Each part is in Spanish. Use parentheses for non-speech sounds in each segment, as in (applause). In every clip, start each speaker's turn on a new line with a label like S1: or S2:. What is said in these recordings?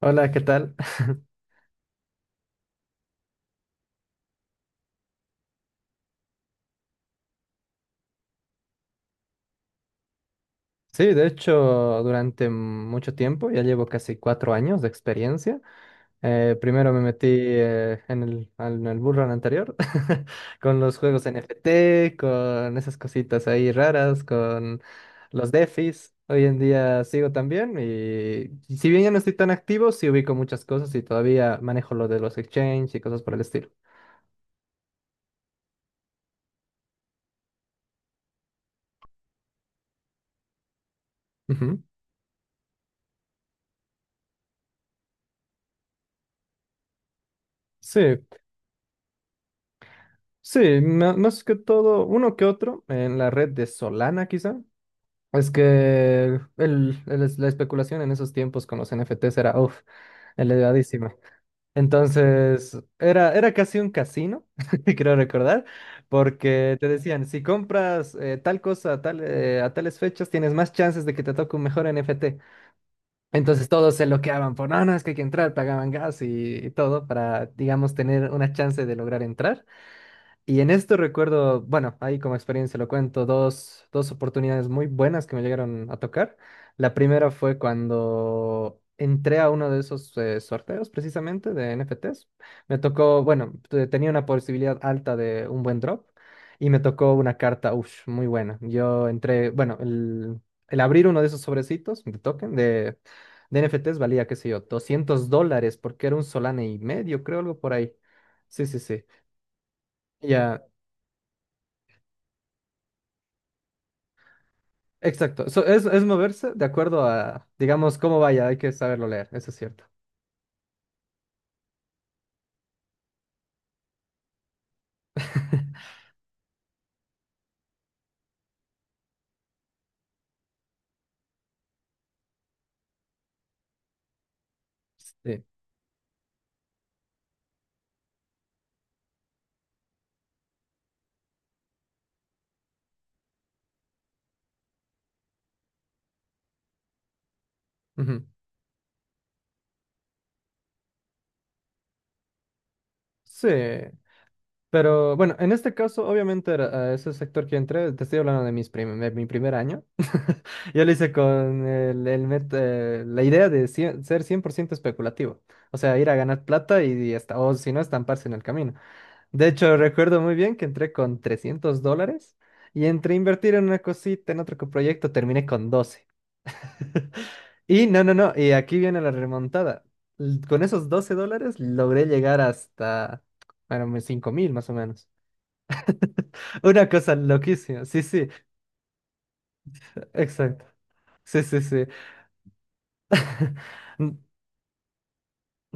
S1: Hola, ¿qué tal? (laughs) Sí, de hecho, durante mucho tiempo, ya llevo casi 4 años de experiencia. Primero me metí en el bull run anterior (laughs) con los juegos NFT, con esas cositas ahí raras, con los DeFis. Hoy en día sigo también y si bien ya no estoy tan activo, sí ubico muchas cosas y todavía manejo lo de los exchanges y cosas por el estilo. Ujú. Sí, sí, más que todo, uno que otro en la red de Solana quizá. Es que el la especulación en esos tiempos con los NFTs era, uff, elevadísima. Entonces, era casi un casino, (laughs) creo recordar, porque te decían, si compras tal cosa a tales fechas, tienes más chances de que te toque un mejor NFT. Entonces todos se loqueaban por, no, no, es que hay que entrar, pagaban gas y todo para, digamos, tener una chance de lograr entrar. Y en esto recuerdo, bueno, ahí como experiencia lo cuento, dos oportunidades muy buenas que me llegaron a tocar. La primera fue cuando entré a uno de esos sorteos precisamente de NFTs. Me tocó, bueno, tenía una posibilidad alta de un buen drop y me tocó una carta, uff, muy buena. Yo entré, bueno, el abrir uno de esos sobrecitos de token de NFTs valía, qué sé yo, $200 porque era un solane y medio, creo, algo por ahí. Sí, sí, sí. Ya, exacto. So, es moverse de acuerdo a, digamos, cómo vaya. Hay que saberlo leer, eso es cierto. (laughs) Sí. Ujú. Sí. Pero bueno, en este caso, obviamente, era, ese sector que entré, te estoy hablando de mi primer año. (laughs) Yo lo hice con la idea de ser 100% especulativo. O sea, ir a ganar plata y, hasta, o si no, estamparse en el camino. De hecho, recuerdo muy bien que entré con $300 y entre invertir en una cosita, en otro proyecto, terminé con 12. (laughs) Y no, no, no, y aquí viene la remontada. Con esos $12 logré llegar hasta, bueno, mis 5.000 más o menos. (laughs) Una cosa loquísima, sí, sí, exacto. Sí, sí, sí. (laughs) N-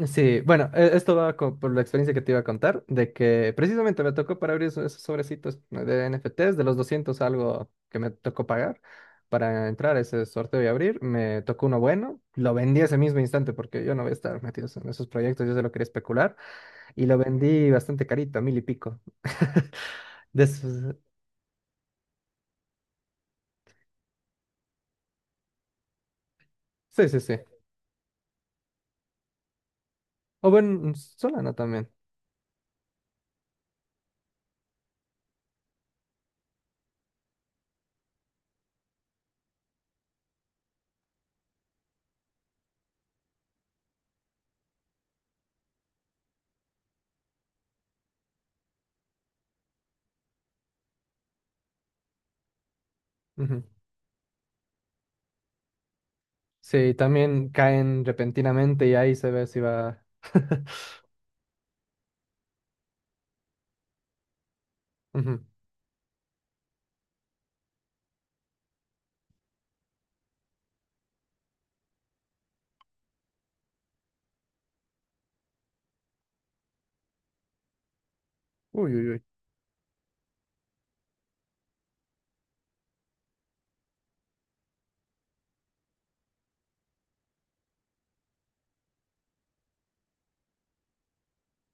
S1: Sí, bueno, esto va por la experiencia que te iba a contar, de que precisamente me tocó para abrir esos sobrecitos de NFTs, de los 200 algo que me tocó pagar para entrar a ese sorteo y abrir, me tocó uno bueno, lo vendí ese mismo instante porque yo no voy a estar metido en esos proyectos, yo solo quería especular. Y lo vendí bastante carito, a mil y pico. (laughs) De esos- Sí, sí, sí. O bueno, Solana también. Ujú. Sí, también caen repentinamente y ahí se ve si va. (laughs) Ujú. Uy, uy, uy.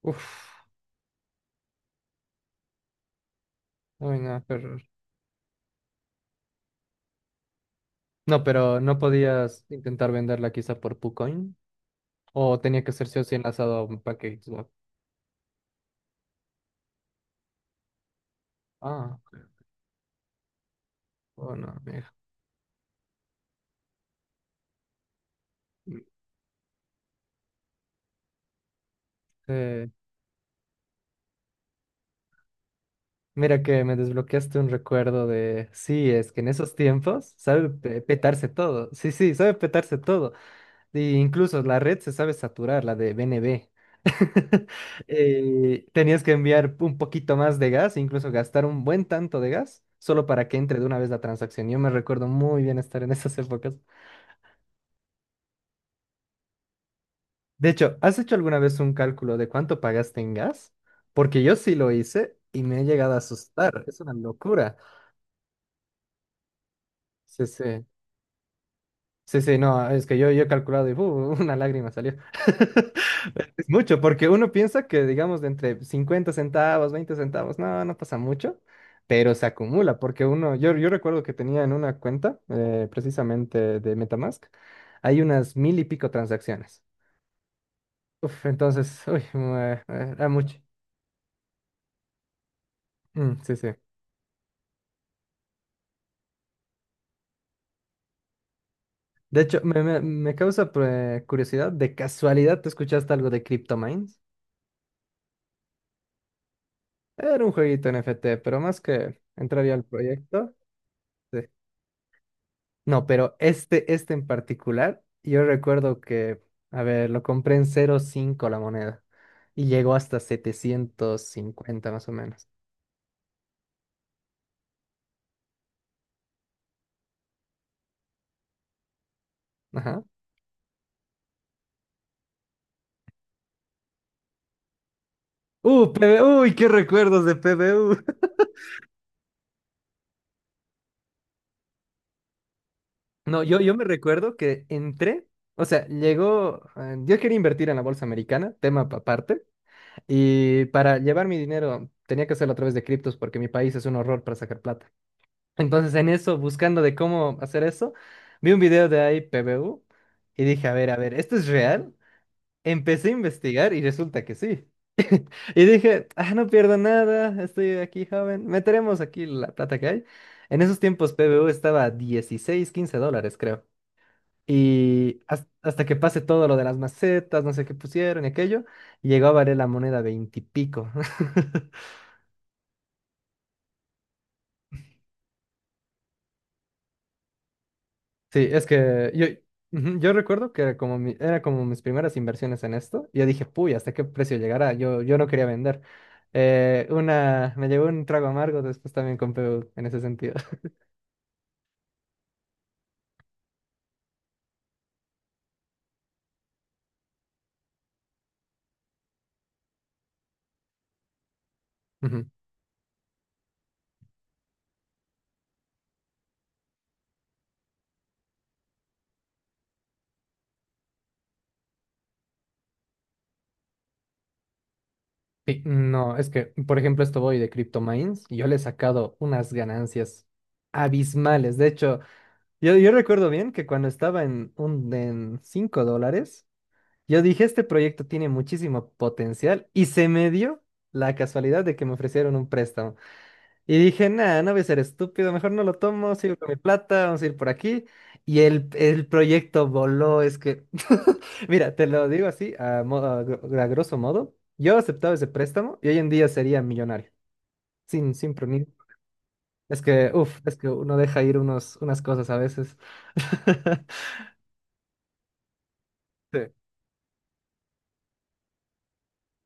S1: Uf. Uy, no, qué horror. No, pero no podías intentar venderla quizá por PuCoin. O tenía que ser sí o sí enlazado a un package. ¿Swap? Ah, OK. Oh, no, mira. Mira que me desbloqueaste un recuerdo de, sí, es que en esos tiempos sabe petarse todo. Sí, sí, sabe petarse todo. E incluso la red se sabe saturar, la de BNB. (laughs) Tenías que enviar un poquito más de gas, incluso gastar un buen tanto de gas, solo para que entre de una vez la transacción. Yo me recuerdo muy bien estar en esas épocas. De hecho, ¿has hecho alguna vez un cálculo de cuánto pagaste en gas? Porque yo sí lo hice y me he llegado a asustar. Es una locura. Sí, sí. Sí, sí, no, es que yo he calculado y ¡uh! (laughs) una lágrima salió. Es mucho, porque uno piensa que, digamos, de entre 50 centavos, 20 centavos, no, no pasa mucho, pero se acumula, porque uno, yo recuerdo que tenía en una cuenta, precisamente de MetaMask, hay unas mil y pico transacciones. Uf, entonces, uy, era mucho. Mm, sí, sí. De hecho, me causa curiosidad, ¿de casualidad te escuchaste algo de CryptoMines? Era un jueguito NFT pero más que entraría al proyecto. Sí. No, pero este en particular, yo recuerdo que, a ver, lo compré en 0,5 la moneda y llegó hasta 750 más o menos. Ajá. PB, uy, qué recuerdos de PBU. (laughs) No, yo me recuerdo que entré, o sea, llegó, yo quería invertir en la bolsa americana, tema aparte, y para llevar mi dinero tenía que hacerlo a través de criptos porque mi país es un horror para sacar plata. Entonces, en eso, buscando de cómo hacer eso, vi un video de ahí AIPBU y dije, a ver, ¿esto es real? Empecé a investigar y resulta que sí. Y dije, ah, no pierdo nada, estoy aquí joven, meteremos aquí la plata que hay. En esos tiempos PBU estaba a 16, $15, creo. Y hasta que pase todo lo de las macetas, no sé qué pusieron y aquello, llegó a valer la moneda 20 y pico. (laughs) Sí, es que yo, ujú, yo recuerdo que como era como mis primeras inversiones en esto, y yo dije, puy, ¿hasta qué precio llegará? Yo no quería vender. Una, me llevó un trago amargo, después también compré en ese sentido. (laughs) Ujú. Sí, no, es que, por ejemplo, esto voy de CryptoMines, y yo le he sacado unas ganancias abismales. De hecho, yo recuerdo bien que cuando estaba en, en $5, yo dije, este proyecto tiene muchísimo potencial, y se me dio la casualidad de que me ofrecieron un préstamo. Y dije, nada, no voy a ser estúpido, mejor no lo tomo, sigo con mi plata, vamos a ir por aquí. Y el proyecto voló, es que, (laughs) mira, te lo digo así, a, mo- a gr- a grosso modo, yo aceptaba ese préstamo y hoy en día sería millonario, sin prunir. Es que, uff, es que uno deja ir unos, unas cosas a veces. (laughs) Sí.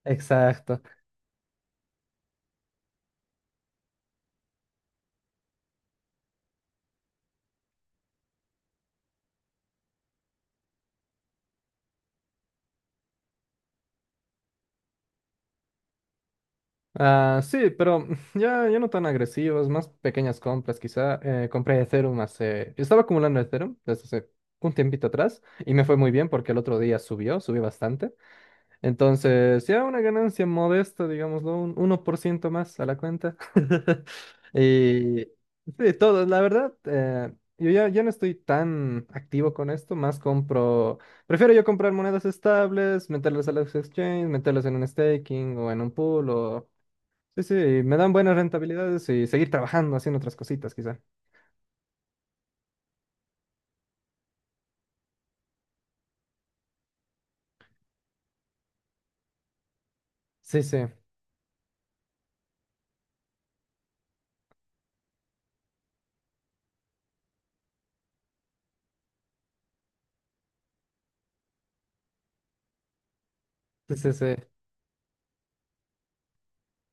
S1: Exacto. Ah, sí, pero (laughs) ya, ya no tan agresivos, más pequeñas compras quizá. Compré Ethereum hace... Estaba acumulando Ethereum desde hace un tiempito atrás y me fue muy bien porque el otro día subió bastante. Entonces, ya una ganancia modesta, digámoslo, un 1% más a la cuenta. (laughs) Y sí, todo, la verdad, yo ya no estoy tan activo con esto, más compro... Prefiero yo comprar monedas estables, meterlas a los exchanges, meterlas en un staking o en un pool o sí, sí, me dan buenas rentabilidades y seguir trabajando, haciendo otras cositas, quizá. Sí, sí, sí, sí, sí.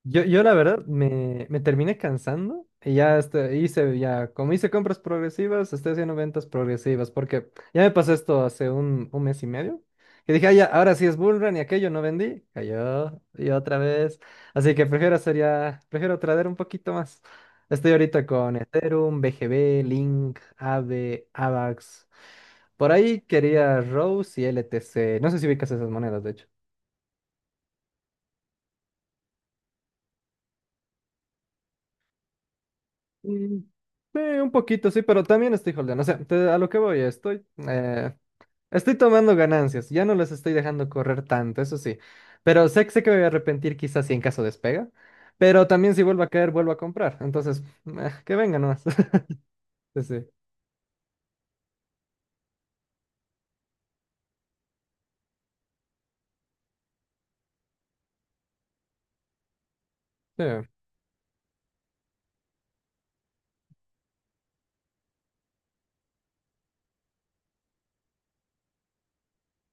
S1: Yo la verdad me terminé cansando y ya este, hice, ya, como hice compras progresivas, estoy haciendo ventas progresivas, porque ya me pasó esto hace un mes y medio, y dije: "Ah, ya, ahora sí es bullrun", y aquello no vendí, cayó y otra vez. Así que prefiero hacer ya, prefiero trader un poquito más. Estoy ahorita con Ethereum, BGB, Link, Aave, Avax. Por ahí quería Rose y LTC. No sé si ubicas esas monedas, de hecho. Mm, sí, un poquito, sí, pero también estoy holdeando. O sea, a lo que voy, estoy, estoy tomando ganancias. Ya no las estoy dejando correr tanto, eso sí. Pero sé que me voy a arrepentir quizás si en caso despega. Pero también si vuelve a caer, vuelvo a comprar. Entonces, que venga nomás. (laughs) Sí, sí, sí.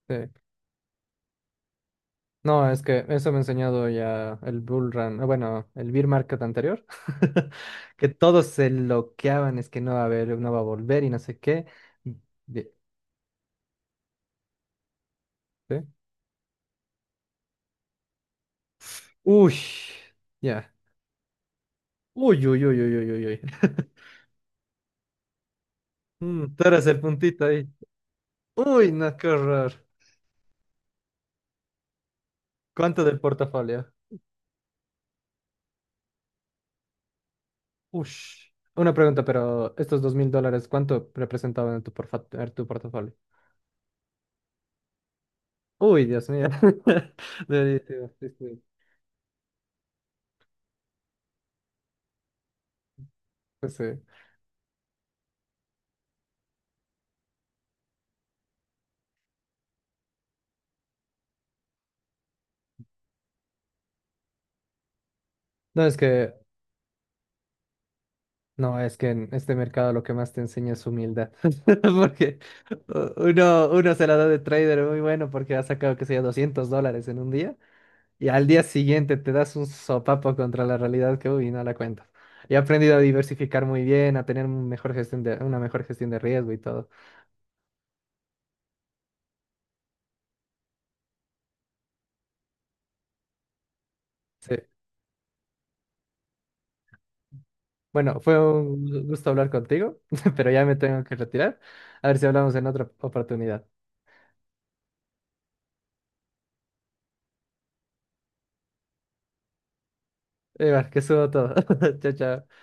S1: Sí. No, es que eso me ha enseñado ya el Bull Run, bueno, el Bear Market anterior, (laughs) que todos se loqueaban, es que no va a haber, no va a volver y no sé qué. De- ¿Eh? Uy, ya. Uy, uy, uy, uy, uy, uy. Uy. (laughs) Mm, tú eres el puntito ahí. Uy, no, qué horror. ¿Cuánto del portafolio? Ush. Una pregunta, pero estos $2.000, ¿cuánto representaban en tu, en tu portafolio? Uy, Dios mío. (laughs) Debería... Sí, sí, pues sí. No, es que No, es que en este mercado lo que más te enseña es humildad. (laughs) Porque uno se la da de trader muy bueno porque ha sacado, que sea $200 en un día y al día siguiente te das un sopapo contra la realidad que, uy, no la cuentas. Y he aprendido a diversificar muy bien, a tener un mejor gestión de, una mejor gestión de riesgo y todo. Sí. Bueno, fue un gusto hablar contigo, (laughs) pero ya me tengo que retirar. A ver si hablamos en otra oportunidad. Igual, que subo todo. (laughs) Chao, chao.